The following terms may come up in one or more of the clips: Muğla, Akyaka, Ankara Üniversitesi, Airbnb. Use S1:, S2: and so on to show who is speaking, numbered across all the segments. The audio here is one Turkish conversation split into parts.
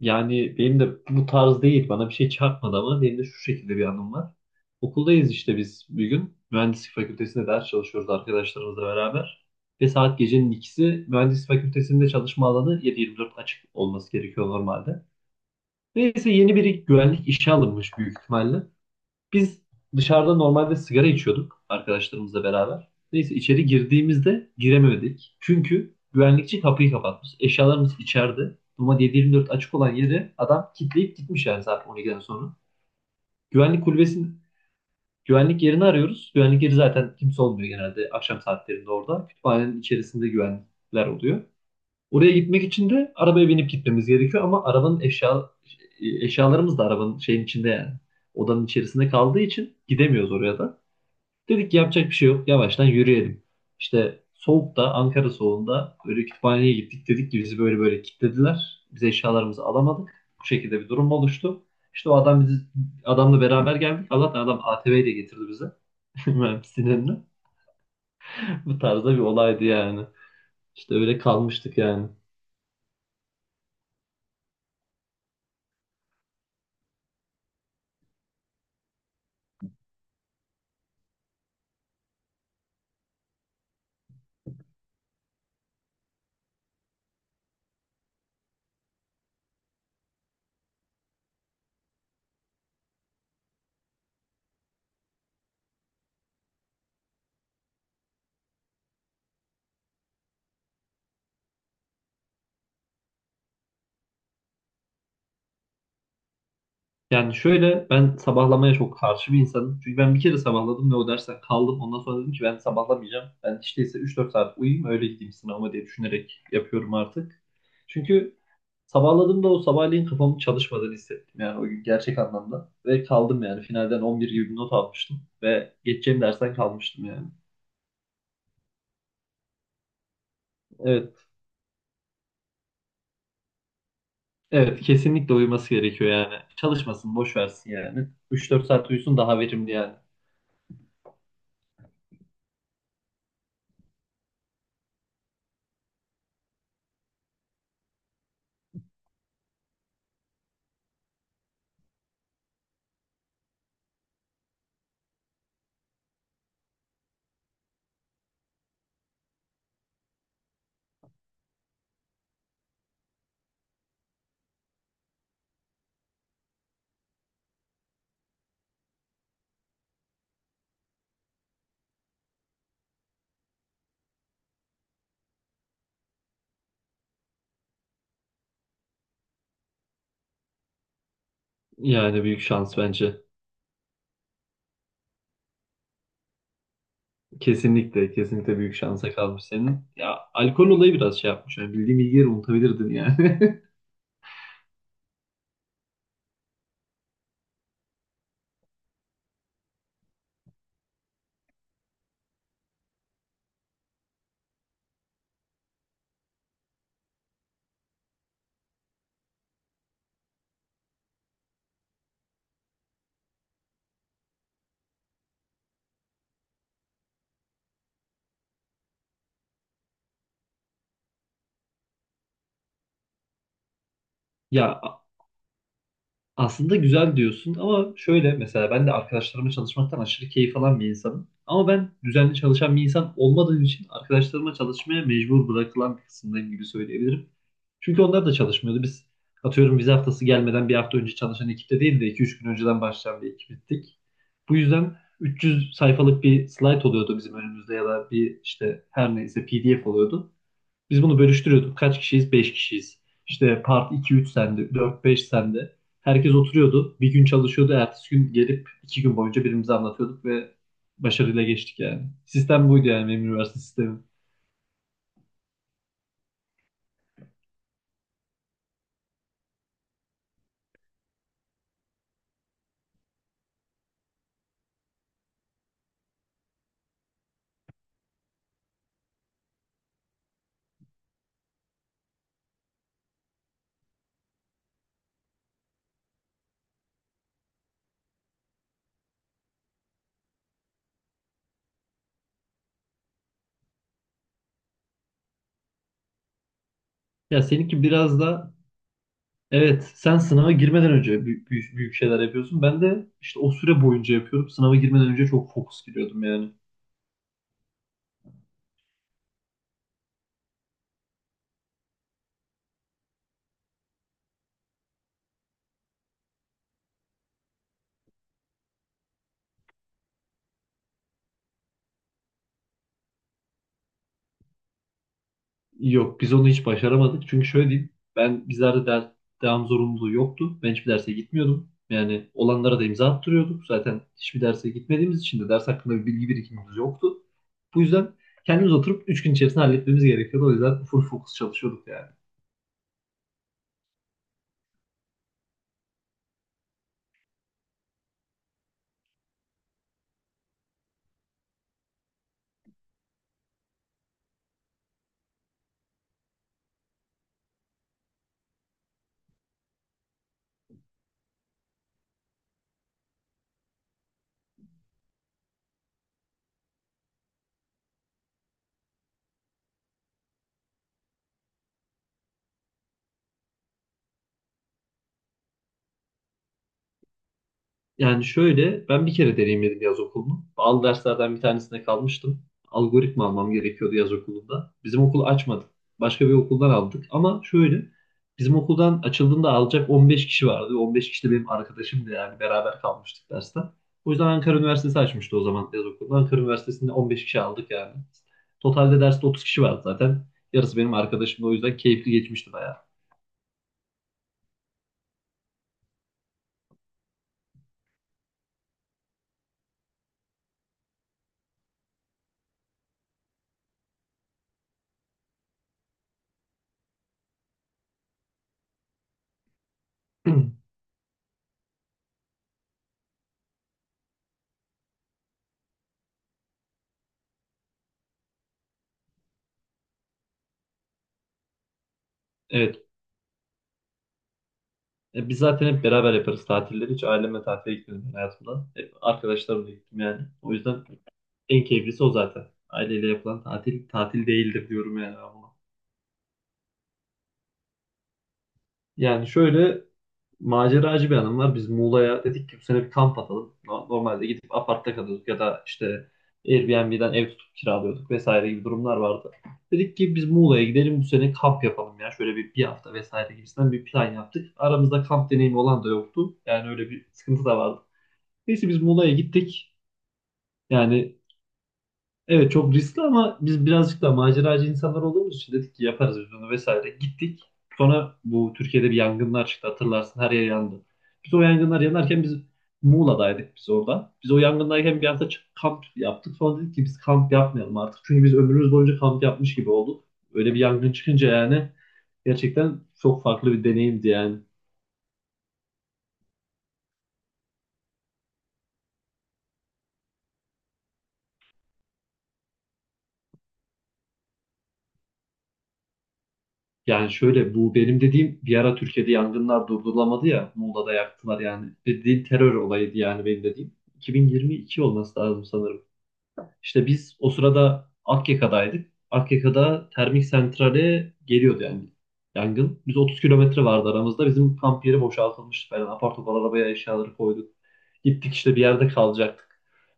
S1: Yani benim de bu tarz değil. Bana bir şey çarpmadı ama benim de şu şekilde bir anım var. Okuldayız işte biz bir gün. Mühendislik fakültesinde ders çalışıyoruz arkadaşlarımızla beraber. Ve saat gecenin ikisi, mühendislik fakültesinde çalışma alanı 7-24 açık olması gerekiyor normalde. Neyse yeni biri güvenlik işe alınmış büyük ihtimalle. Biz dışarıda normalde sigara içiyorduk arkadaşlarımızla beraber. Neyse içeri girdiğimizde giremedik, çünkü güvenlikçi kapıyı kapatmış. Eşyalarımız içeride. Ama 7/24 açık olan yeri adam kilitleyip gitmiş, yani saat 12'den sonra. Güvenlik kulübesinin, güvenlik yerini arıyoruz. Güvenlik yeri zaten, kimse olmuyor genelde akşam saatlerinde orada. Kütüphanenin içerisinde güvenlikler oluyor. Oraya gitmek için de arabaya binip gitmemiz gerekiyor ama arabanın eşya eşyalarımız da arabanın şeyin içinde, yani odanın içerisinde kaldığı için gidemiyoruz oraya da. Dedik ki yapacak bir şey yok, yavaştan yürüyelim. İşte soğukta, Ankara soğuğunda böyle kütüphaneye gittik. Dedik ki bizi böyle böyle kilitlediler, biz eşyalarımızı alamadık. Bu şekilde bir durum oluştu. İşte o adam bizi, adamla beraber geldik. Allah'tan adam ATV ile getirdi bize. Mühendisliğin önüne. Bu tarzda bir olaydı yani. İşte öyle kalmıştık yani. Yani şöyle, ben sabahlamaya çok karşı bir insanım. Çünkü ben bir kere sabahladım ve o dersten kaldım. Ondan sonra dedim ki ben sabahlamayacağım. Ben işte ise 3-4 saat uyuyayım, öyle gideyim sınavıma diye düşünerek yapıyorum artık. Çünkü sabahladığımda o sabahleyin kafamın çalışmadığını hissettim. Yani o gün, gerçek anlamda. Ve kaldım yani, finalden 11 gibi bir not almıştım. Ve geçeceğim dersten kalmıştım yani. Evet, evet, kesinlikle uyuması gerekiyor yani. Çalışmasın, boş versin yani. 3-4 saat uyusun, daha verimli yani. Yani büyük şans bence. Kesinlikle, kesinlikle büyük şansa kalmış senin. Ya, alkol olayı biraz şey yapmış. Yani bildiğim bilgileri unutabilirdin yani. Ya, aslında güzel diyorsun ama şöyle, mesela ben de arkadaşlarımla çalışmaktan aşırı keyif alan bir insanım. Ama ben düzenli çalışan bir insan olmadığım için, arkadaşlarıma çalışmaya mecbur bırakılan bir kısımdayım gibi söyleyebilirim. Çünkü onlar da çalışmıyordu. Biz, atıyorum, vize haftası gelmeden bir hafta önce çalışan ekipte değil de 2-3 gün önceden başlayan bir ekiptik. Bu yüzden 300 sayfalık bir slide oluyordu bizim önümüzde ya da bir işte her neyse PDF oluyordu. Biz bunu bölüştürüyorduk. Kaç kişiyiz? 5 kişiyiz. İşte part iki üç sende, dört beş sende. Herkes oturuyordu, bir gün çalışıyordu. Ertesi gün gelip iki gün boyunca birbirimize anlatıyorduk ve başarıyla geçtik yani. Sistem buydu yani, benim üniversite sistemi. Ya seninki biraz da, evet, sen sınava girmeden önce büyük, büyük şeyler yapıyorsun. Ben de işte o süre boyunca yapıyorum. Sınava girmeden önce çok fokus giriyordum yani. Yok, biz onu hiç başaramadık. Çünkü şöyle diyeyim, ben bizlerde ders, devam zorunluluğu yoktu. Ben hiçbir derse gitmiyordum. Yani olanlara da imza attırıyorduk. Zaten hiçbir derse gitmediğimiz için de ders hakkında bir bilgi birikimimiz yoktu. Bu yüzden kendimiz oturup 3 gün içerisinde halletmemiz gerekiyordu. O yüzden full fokus çalışıyorduk yani. Yani şöyle, ben bir kere deneyimledim yaz okulunu. Bazı derslerden bir tanesinde kalmıştım. Algoritma almam gerekiyordu yaz okulunda. Bizim okul açmadı. Başka bir okuldan aldık ama şöyle, bizim okuldan açıldığında alacak 15 kişi vardı. 15 kişi de benim arkadaşım da, yani beraber kalmıştık derste. O yüzden Ankara Üniversitesi açmıştı o zaman yaz okulunu. Ankara Üniversitesi'nde 15 kişi aldık yani. Totalde derste 30 kişi vardı zaten. Yarısı benim arkadaşım da, o yüzden keyifli geçmişti bayağı. Evet, e, biz zaten hep beraber yaparız tatilleri. Hiç ailemle tatile gitmedim ben hayatımda. Hep arkadaşlarımla gittim yani. O yüzden en keyiflisi o zaten. Aileyle yapılan tatil, tatil değildir diyorum yani ben buna. Yani şöyle, maceracı bir hanım var. Biz Muğla'ya, dedik ki bu sene bir kamp atalım. Normalde gidip apartta kalıyorduk ya da işte Airbnb'den ev tutup kiralıyorduk vesaire gibi durumlar vardı. Dedik ki biz Muğla'ya gidelim bu sene, kamp yapalım ya. Şöyle bir hafta vesaire gibisinden bir plan yaptık. Aramızda kamp deneyimi olan da yoktu. Yani öyle bir sıkıntı da vardı. Neyse biz Muğla'ya gittik. Yani evet, çok riskli ama biz birazcık da maceracı insanlar olduğumuz için dedik ki yaparız biz bunu vesaire. Gittik. Sonra bu Türkiye'de bir yangınlar çıktı, hatırlarsın, her yer yandı. Biz o yangınlar yanarken biz Muğla'daydık, biz orada. Biz o yangındayken bir hafta kamp yaptık. Sonra dedik ki biz kamp yapmayalım artık. Çünkü biz ömrümüz boyunca kamp yapmış gibi olduk. Öyle bir yangın çıkınca yani, gerçekten çok farklı bir deneyimdi yani. Yani şöyle, bu benim dediğim bir ara Türkiye'de yangınlar durdurulamadı ya, Muğla'da yaktılar yani. Dediğim terör olayıydı yani benim dediğim. 2022 olması lazım sanırım ama İşte biz o sırada Akyaka'daydık. Akyaka'da termik santrale geliyordu yani yangın. Biz 30 kilometre vardı aramızda. Bizim kamp yeri boşaltılmıştı falan. Apar topar arabaya eşyaları koyduk. Gittik işte bir yerde kalacaktık.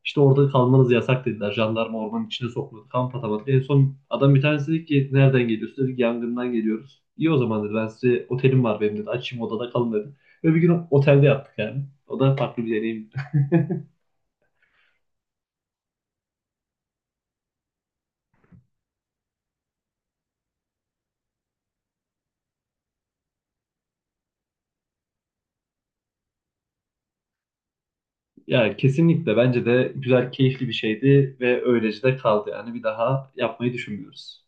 S1: İşte orada kalmanız yasak dediler. Jandarma ormanın içine sokmadı. Kamp atamadık. En son adam bir tanesi dedi ki, nereden geliyorsun? Dedik yangından geliyoruz. İyi, o zaman dedi. Ben size, otelim var benim dedi. Açayım, odada kalın dedi. Ve bir gün otelde yattık yani. O da farklı bir deneyim. Ya kesinlikle, bence de güzel, keyifli bir şeydi ve öylece de kaldı. Yani bir daha yapmayı düşünmüyoruz.